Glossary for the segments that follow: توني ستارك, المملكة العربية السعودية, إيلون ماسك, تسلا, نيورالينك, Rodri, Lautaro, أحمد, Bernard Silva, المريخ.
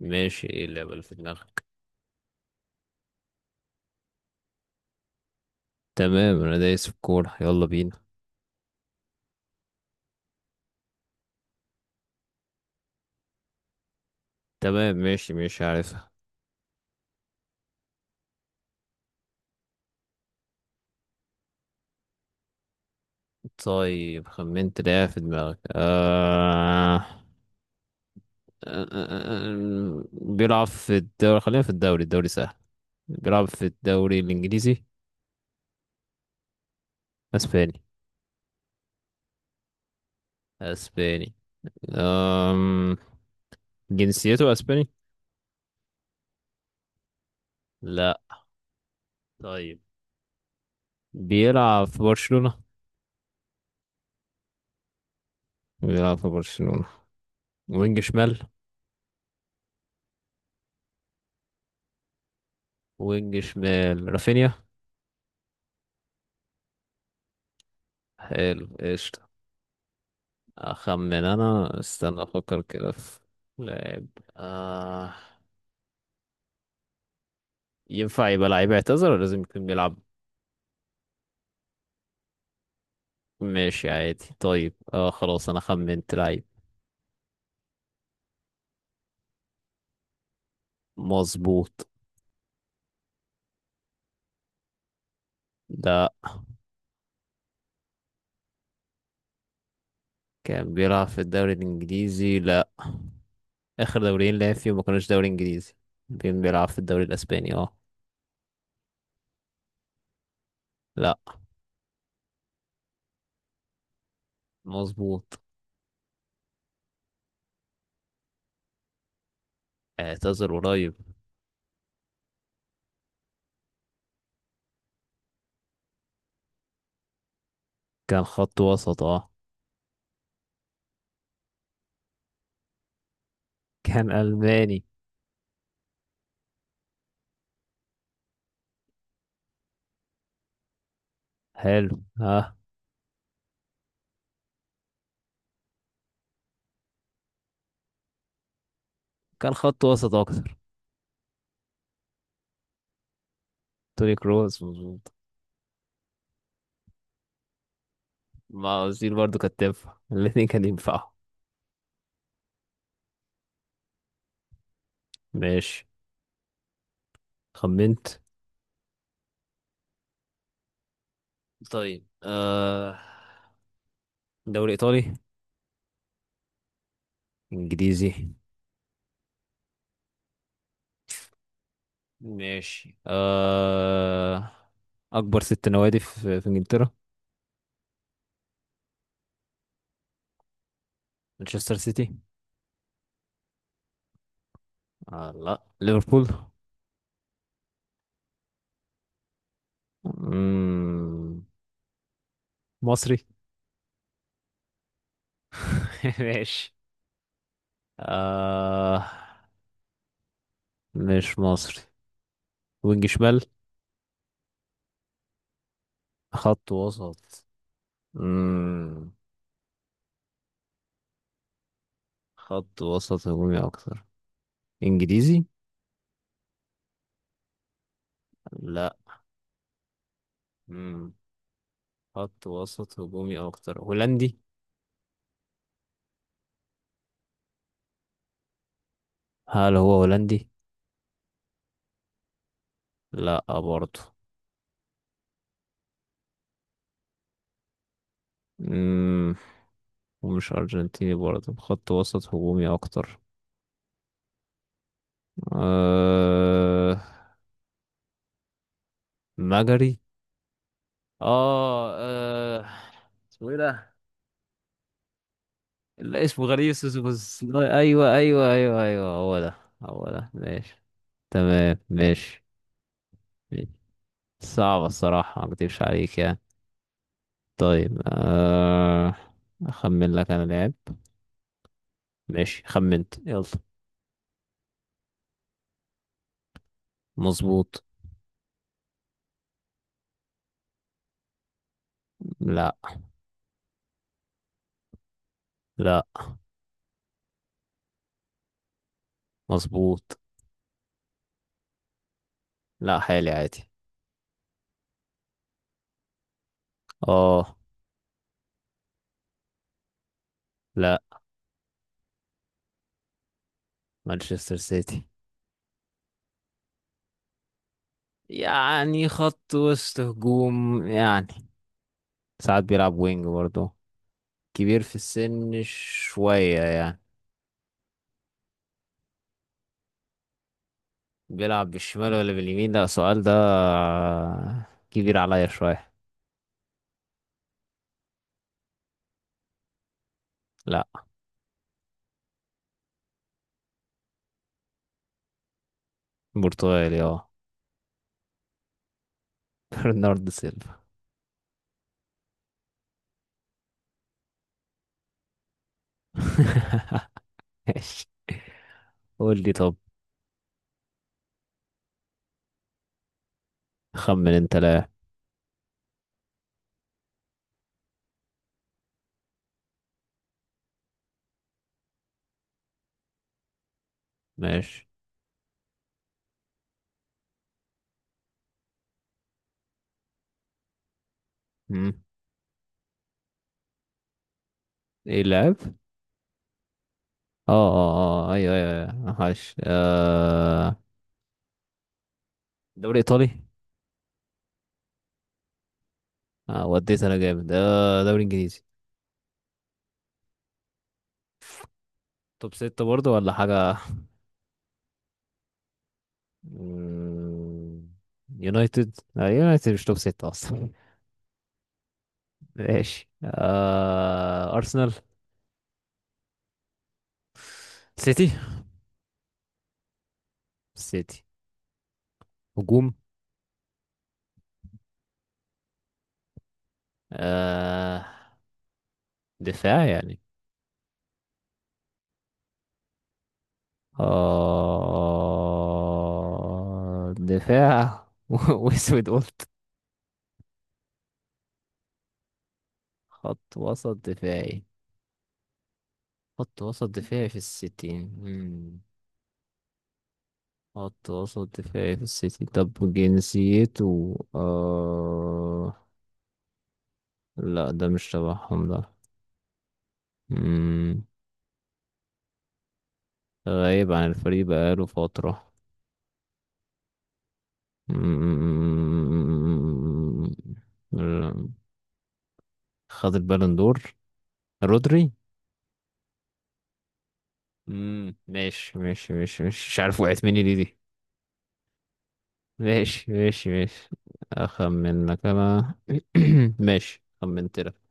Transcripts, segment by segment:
ماشي، ايه اللعبة اللي في دماغك؟ تمام، انا دايس في الكورة، يلا بينا. تمام، ماشي ماشي، عارفها. طيب، خمنت لعبة في دماغك. بيلعب في الدوري. خلينا في الدوري، الدوري سهل. بيلعب في الدوري الانجليزي؟ اسباني؟ اسباني. آم... جنسيته اسباني؟ لا. طيب، بيلعب في برشلونة. بيلعب في برشلونة، وينج شمال. وينج شمال، رافينيا. حلو، قشطة. أخمن أنا، استنى أفكر كده في لاعب. آه. ينفع يبقى لعيب اعتذر، ولا لازم يكون بيلعب؟ ماشي عادي، طيب، آه، خلاص، أنا خمنت لعيب. مظبوط. ده. كان بيلعب في الدوري الإنجليزي؟ لا، آخر دوريين لعب فيهم ما كانوش دوري إنجليزي. كان بيلعب في الدوري الأسباني، اه. لا. مظبوط. اعتذر قريب. كان خط وسط، اه. كان ألماني. حلو، اه. كان خط وسط أكتر. توني كروس، مظبوط. موازير برضو كانت تنفع، الاتنين كان ينفعوا. ماشي. خمنت. طيب، آه، دوري ايطالي؟ انجليزي؟ ماشي، آه، اكبر ست نوادي في انجلترا. مانشستر سيتي؟ آه لا، ليفربول؟ مم. مصري؟ ماشي، آه، مش مصري. وينج شمال؟ خط وسط؟ مم. خط وسط هجومي اكتر. انجليزي؟ لا. مم. خط وسط هجومي او اكتر. هولندي؟ هل هو هولندي؟ لا برضه. امم ومش ارجنتيني برضه، خط وسط هجومي اكتر. أه... مجري؟ اه، آه. اسمه ايه ده؟ لا، اسمه غريب، بس لا، ايوه ايوه ايوه ايوه، هو ده. هو ده، ماشي. تمام، ماشي. صعب الصراحة، ما اكدبش عليك يعني. طيب. اخمن لك انا لعب. ماشي، خمنت، يلا. مظبوط. لا. لا. مظبوط. لا، حالي عادي. اه. لا. مانشستر سيتي. يعني خط وسط هجوم يعني، ساعات بيلعب وينج برضه. كبير في السن شوية يعني. بيلعب بالشمال ولا باليمين؟ لا، السؤال ده كبير عليا شوية. لا. برتغالي، اه. برنارد سيلفا. ماشي. قول لي طب. خمن انت لاعب. ماشي. مم. ايه اللاعب؟ اه اه اه، ايوه ايوه أيوة، عاش، آه. دوري ايطالي؟ آه، وديت انا جامد، آه، دوري انجليزي. توب ستة برضه ولا حاجة؟ مم. يونايتد، آه، يونايتد مش توب ستة اصلا. ماشي، آه، ارسنال؟ سيتي؟ سيتي. هجوم؟ آه، دفاع يعني؟ آه، دفاع. واسود قلت. خط وسط دفاعي. خط وسط دفاعي في السيتي، مم. خط وسط دفاعي في السيتي، طب جنسيته لا، ده مش تبعهم ده. مم. غايب عن الفريق بقاله فترة. مم. لا. خد البالون دور. رودري. مم. ماشي ماشي ماشي ماشي، مش عارف وقعت مني ليه دي. ماشي ماشي ماشي. أخمنك أنا. ماشي، خمنت لك.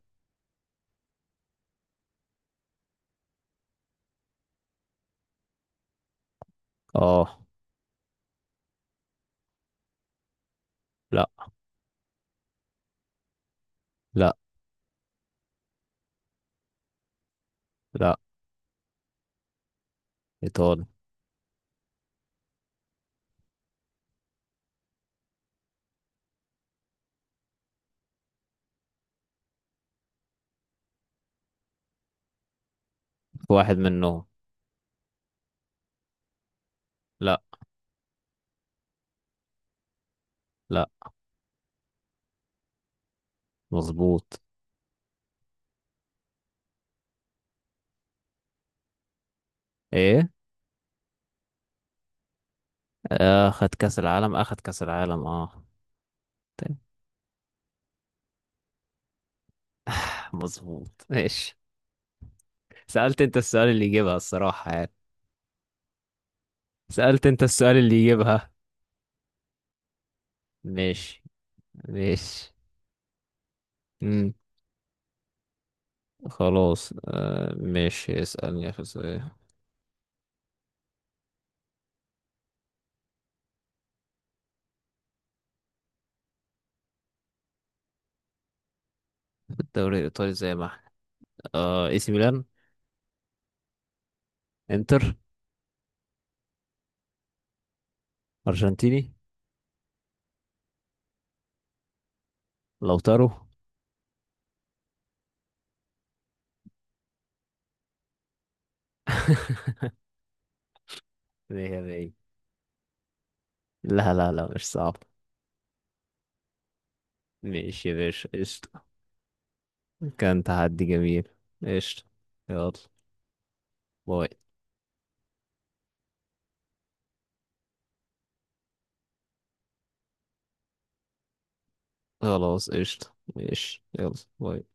اه. لا. لا. لا. ايطالي. في واحد منهم. لا. لا. مظبوط. ايه؟ اخد كاس العالم، اخد كاس العالم، اه. تاني. مظبوط، ماشي. سألت انت السؤال اللي يجيبها الصراحة يعني. سألت انت السؤال اللي يجيبها. ماشي. ماشي. امم. خلاص، آه، ماشي، اسألني في السؤال. الدوري الإيطالي زي ما احنا. آه، اي سي ميلان؟ انتر؟ ارجنتيني؟ لوتارو. مية مية. لا لا لا، مش صعب. ماشي يا باشا، قشطة. كان تحدي جميل. قشطة. يلا. باي. خلاص، قشطة، ماشي، يلا. باي.